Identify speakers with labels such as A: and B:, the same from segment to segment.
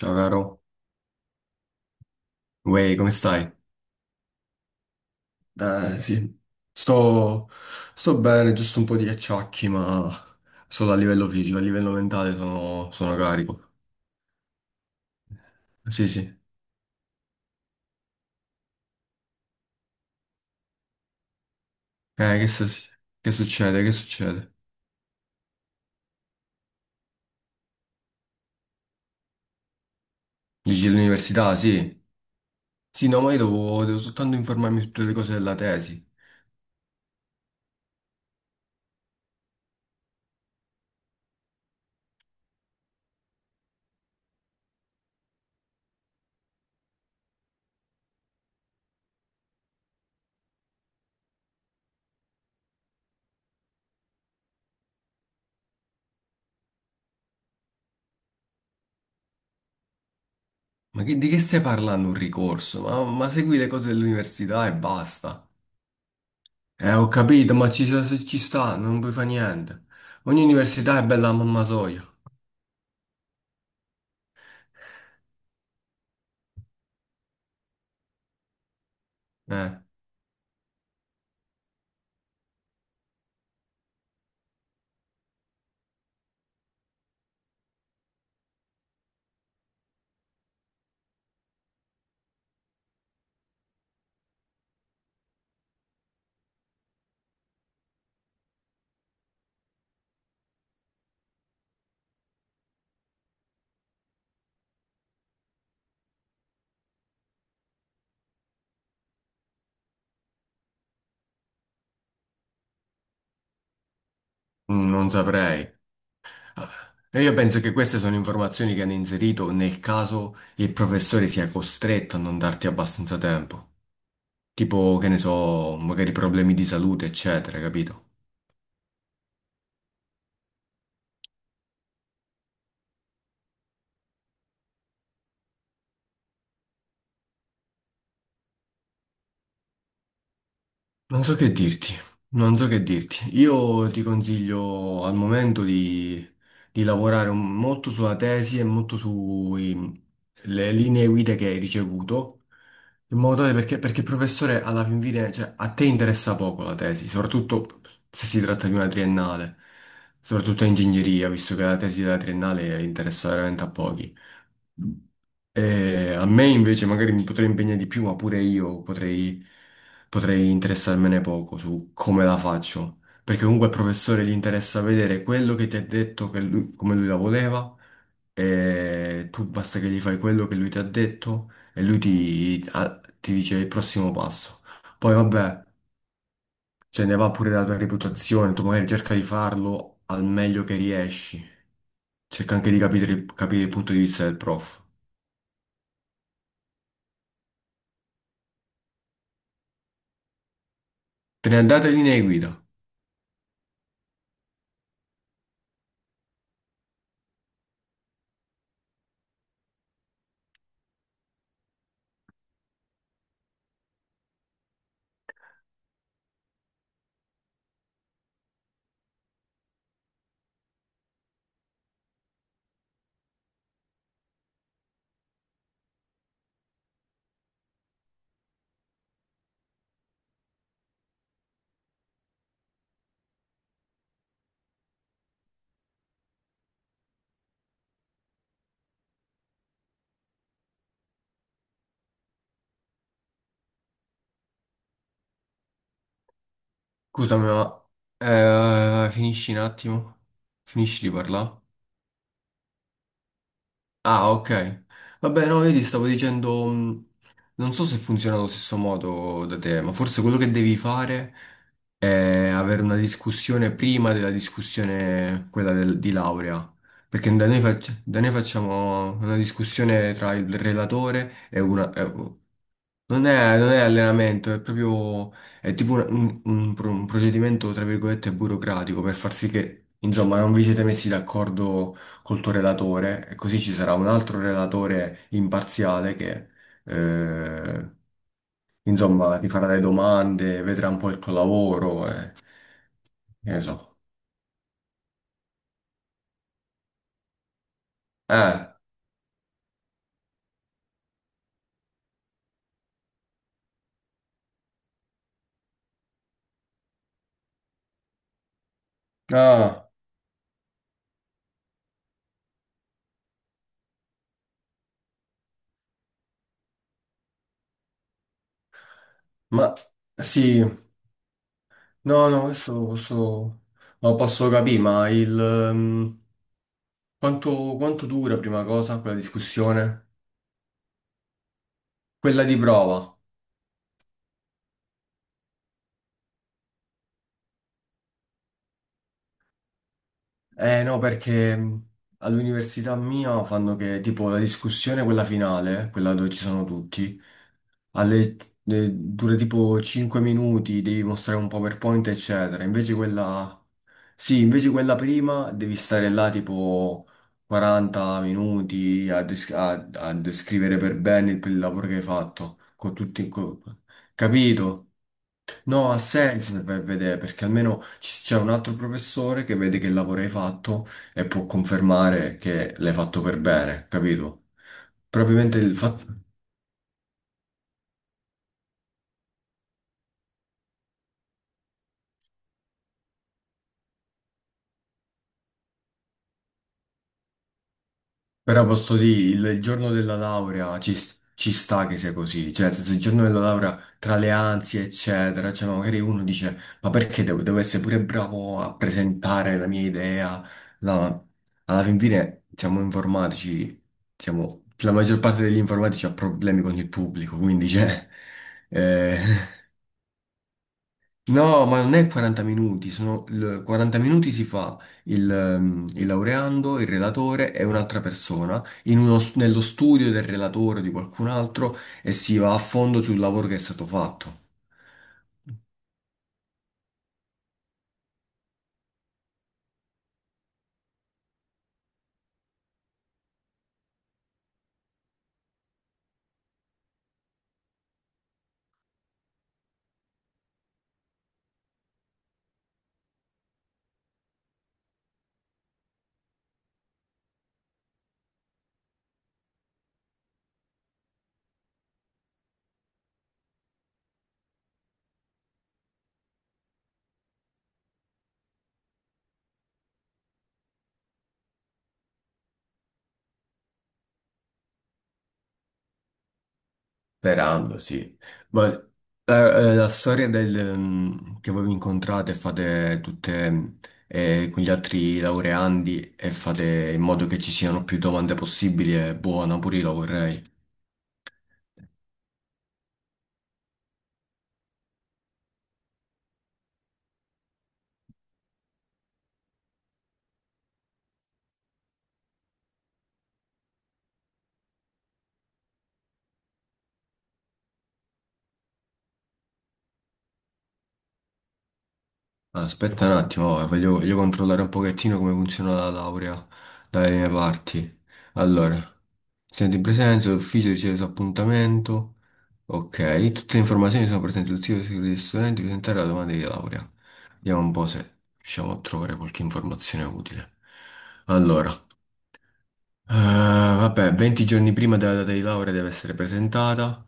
A: Ciao caro. Uè, come stai? Eh sì, sto, sto bene, giusto un po' di acciacchi, ma solo a livello fisico, a livello mentale sono carico. Sì, sì. Eh, che, s- che succede? Che succede? Dici l'università, sì. Sì, no, ma io devo soltanto informarmi su tutte le cose della tesi. Di che stai parlando un ricorso? Ma segui le cose dell'università e basta. Ho capito, ci sta, non puoi fare niente. Ogni università è bella a mamma soia. Eh. Mm, non saprei. Ah, e io penso che queste sono informazioni che hanno inserito nel caso il professore sia costretto a non darti abbastanza tempo. Tipo, che ne so, magari problemi di salute, eccetera, capito? Non so che dirti, non so che dirti. Io ti consiglio al momento di lavorare molto sulla tesi e molto sulle linee guida che hai ricevuto, in modo tale perché, perché il professore alla fin fine, cioè, a te interessa poco la tesi, soprattutto se si tratta di una triennale, soprattutto in ingegneria, visto che la tesi della triennale interessa veramente a pochi. E a me invece magari mi potrei impegnare di più, ma pure io potrei interessarmene poco su come la faccio. Perché comunque al professore gli interessa vedere quello che ti ha detto, come lui la voleva, e tu basta che gli fai quello che lui ti ha detto e lui ti dice il prossimo passo. Poi vabbè, se ne va pure la tua reputazione, tu magari cerca di farlo al meglio che riesci. Cerca anche di capire il punto di vista del prof. Te ne andate linee guida. Scusami, ma finisci un attimo? Finisci di parlare? Ah, ok. Vabbè, no, io ti stavo dicendo, non so se funziona allo stesso modo da te, ma forse quello che devi fare è avere una discussione prima della discussione, di laurea. Perché da noi, da noi facciamo una discussione tra il relatore e una, non è, non è allenamento, è proprio, è tipo un procedimento, tra virgolette, burocratico per far sì che, insomma, non vi siete messi d'accordo col tuo relatore e così ci sarà un altro relatore imparziale che, eh, insomma, ti farà le domande, vedrà un po' il tuo lavoro e, che ne so. Eh, ah, ma sì, no, questo lo posso capire, ma quanto, quanto dura, prima cosa, quella discussione? Quella di prova. Eh no, perché all'università mia fanno che tipo la discussione, quella finale, quella dove ci sono tutti, alle- dura tipo 5 minuti, devi mostrare un PowerPoint, eccetera. Invece quella... Sì, invece quella prima devi stare là tipo 40 minuti a descrivere per bene il lavoro che hai fatto, capito? No, ha senso se vai a vedere, perché almeno c'è un altro professore che vede che lavoro hai fatto e può confermare che l'hai fatto per bene, capito? Probabilmente il fatto. Però posso dire, il giorno della laurea ci sta che sia così, cioè nel senso, il giorno della laurea tra le ansie eccetera, cioè no, magari uno dice ma perché devo essere pure bravo a presentare la mia idea? No, alla fin fine siamo informatici, la maggior parte degli informatici ha problemi con il pubblico, quindi cioè, eh, No, ma non è 40 minuti, 40 minuti si fa il laureando, il relatore e un'altra persona in nello studio del relatore o di qualcun altro e si va a fondo sul lavoro che è stato fatto. Sperando, sì. Ma eh, la storia che voi vi incontrate e fate tutte con gli altri laureandi e fate in modo che ci siano più domande possibili è buona, pure io la vorrei. Allora, aspetta un attimo, voglio controllare un pochettino come funziona la laurea dalle mie parti. Allora, studente in presenza, l'ufficio riceve su appuntamento. Ok, tutte le informazioni sono presenti sul sito sicuro degli studenti, presentare la domanda di laurea. Vediamo un po' se riusciamo a trovare qualche informazione utile. Allora, vabbè, 20 giorni prima della data di laurea deve essere presentata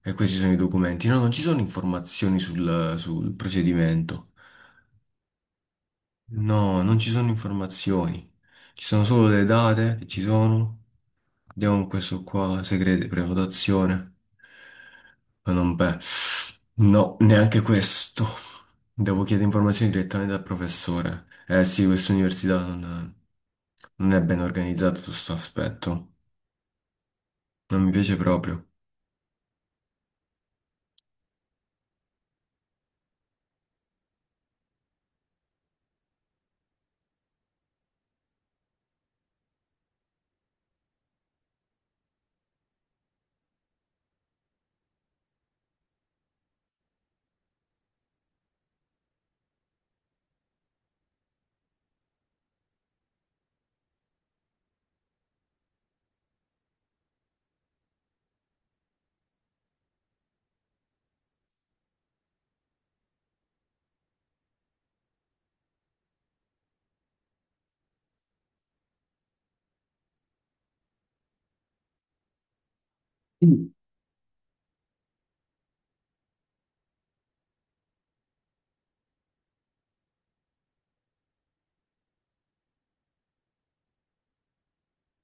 A: e questi sono i documenti. No, non ci sono informazioni sul procedimento. No, non ci sono informazioni, ci sono solo le date che ci sono. Andiamo con questo qua, segrete, prenotazione. Ma non beh. No, neanche questo. Devo chiedere informazioni direttamente dal professore. Eh sì, questa università non è ben organizzata su questo aspetto. Non mi piace proprio.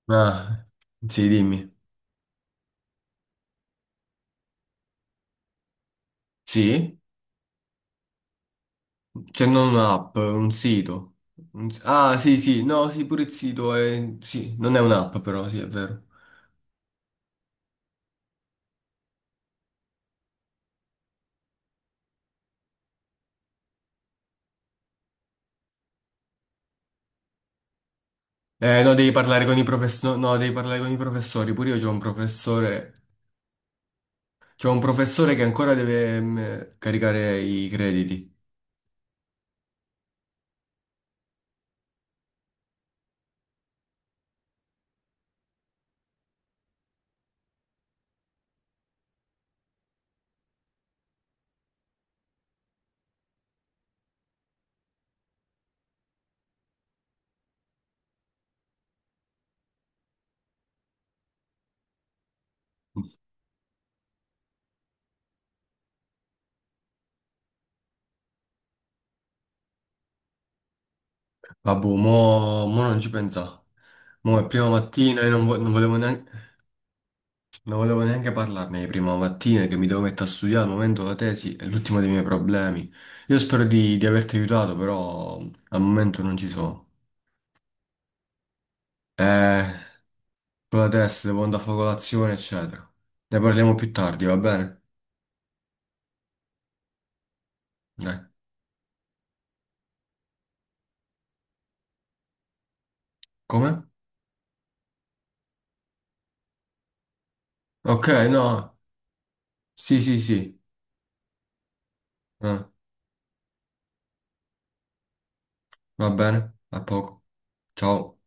A: Ah, sì, dimmi. Sì? C'è non un'app, un sito. Ah, sì, sì, no, sì, pure il sito è... Sì, non è un'app però, sì, è vero. No, devi parlare con i professori, no, devi parlare con i professori. Pure io c'ho un professore che ancora deve caricare i crediti. Vabbè, mo non ci pensa. Mo è prima mattina e non volevo neanche... Non volevo neanche parlarne di prima mattina che mi devo mettere a studiare al momento la tesi è l'ultimo dei miei problemi. Io spero di averti aiutato, però al momento non ci sono. Eh, con la testa devo andare a fare colazione, eccetera. Ne parliamo più tardi, va bene? Eh, come? Ok, no. Sì, sì, sì. Eh, va bene, a poco. Ciao.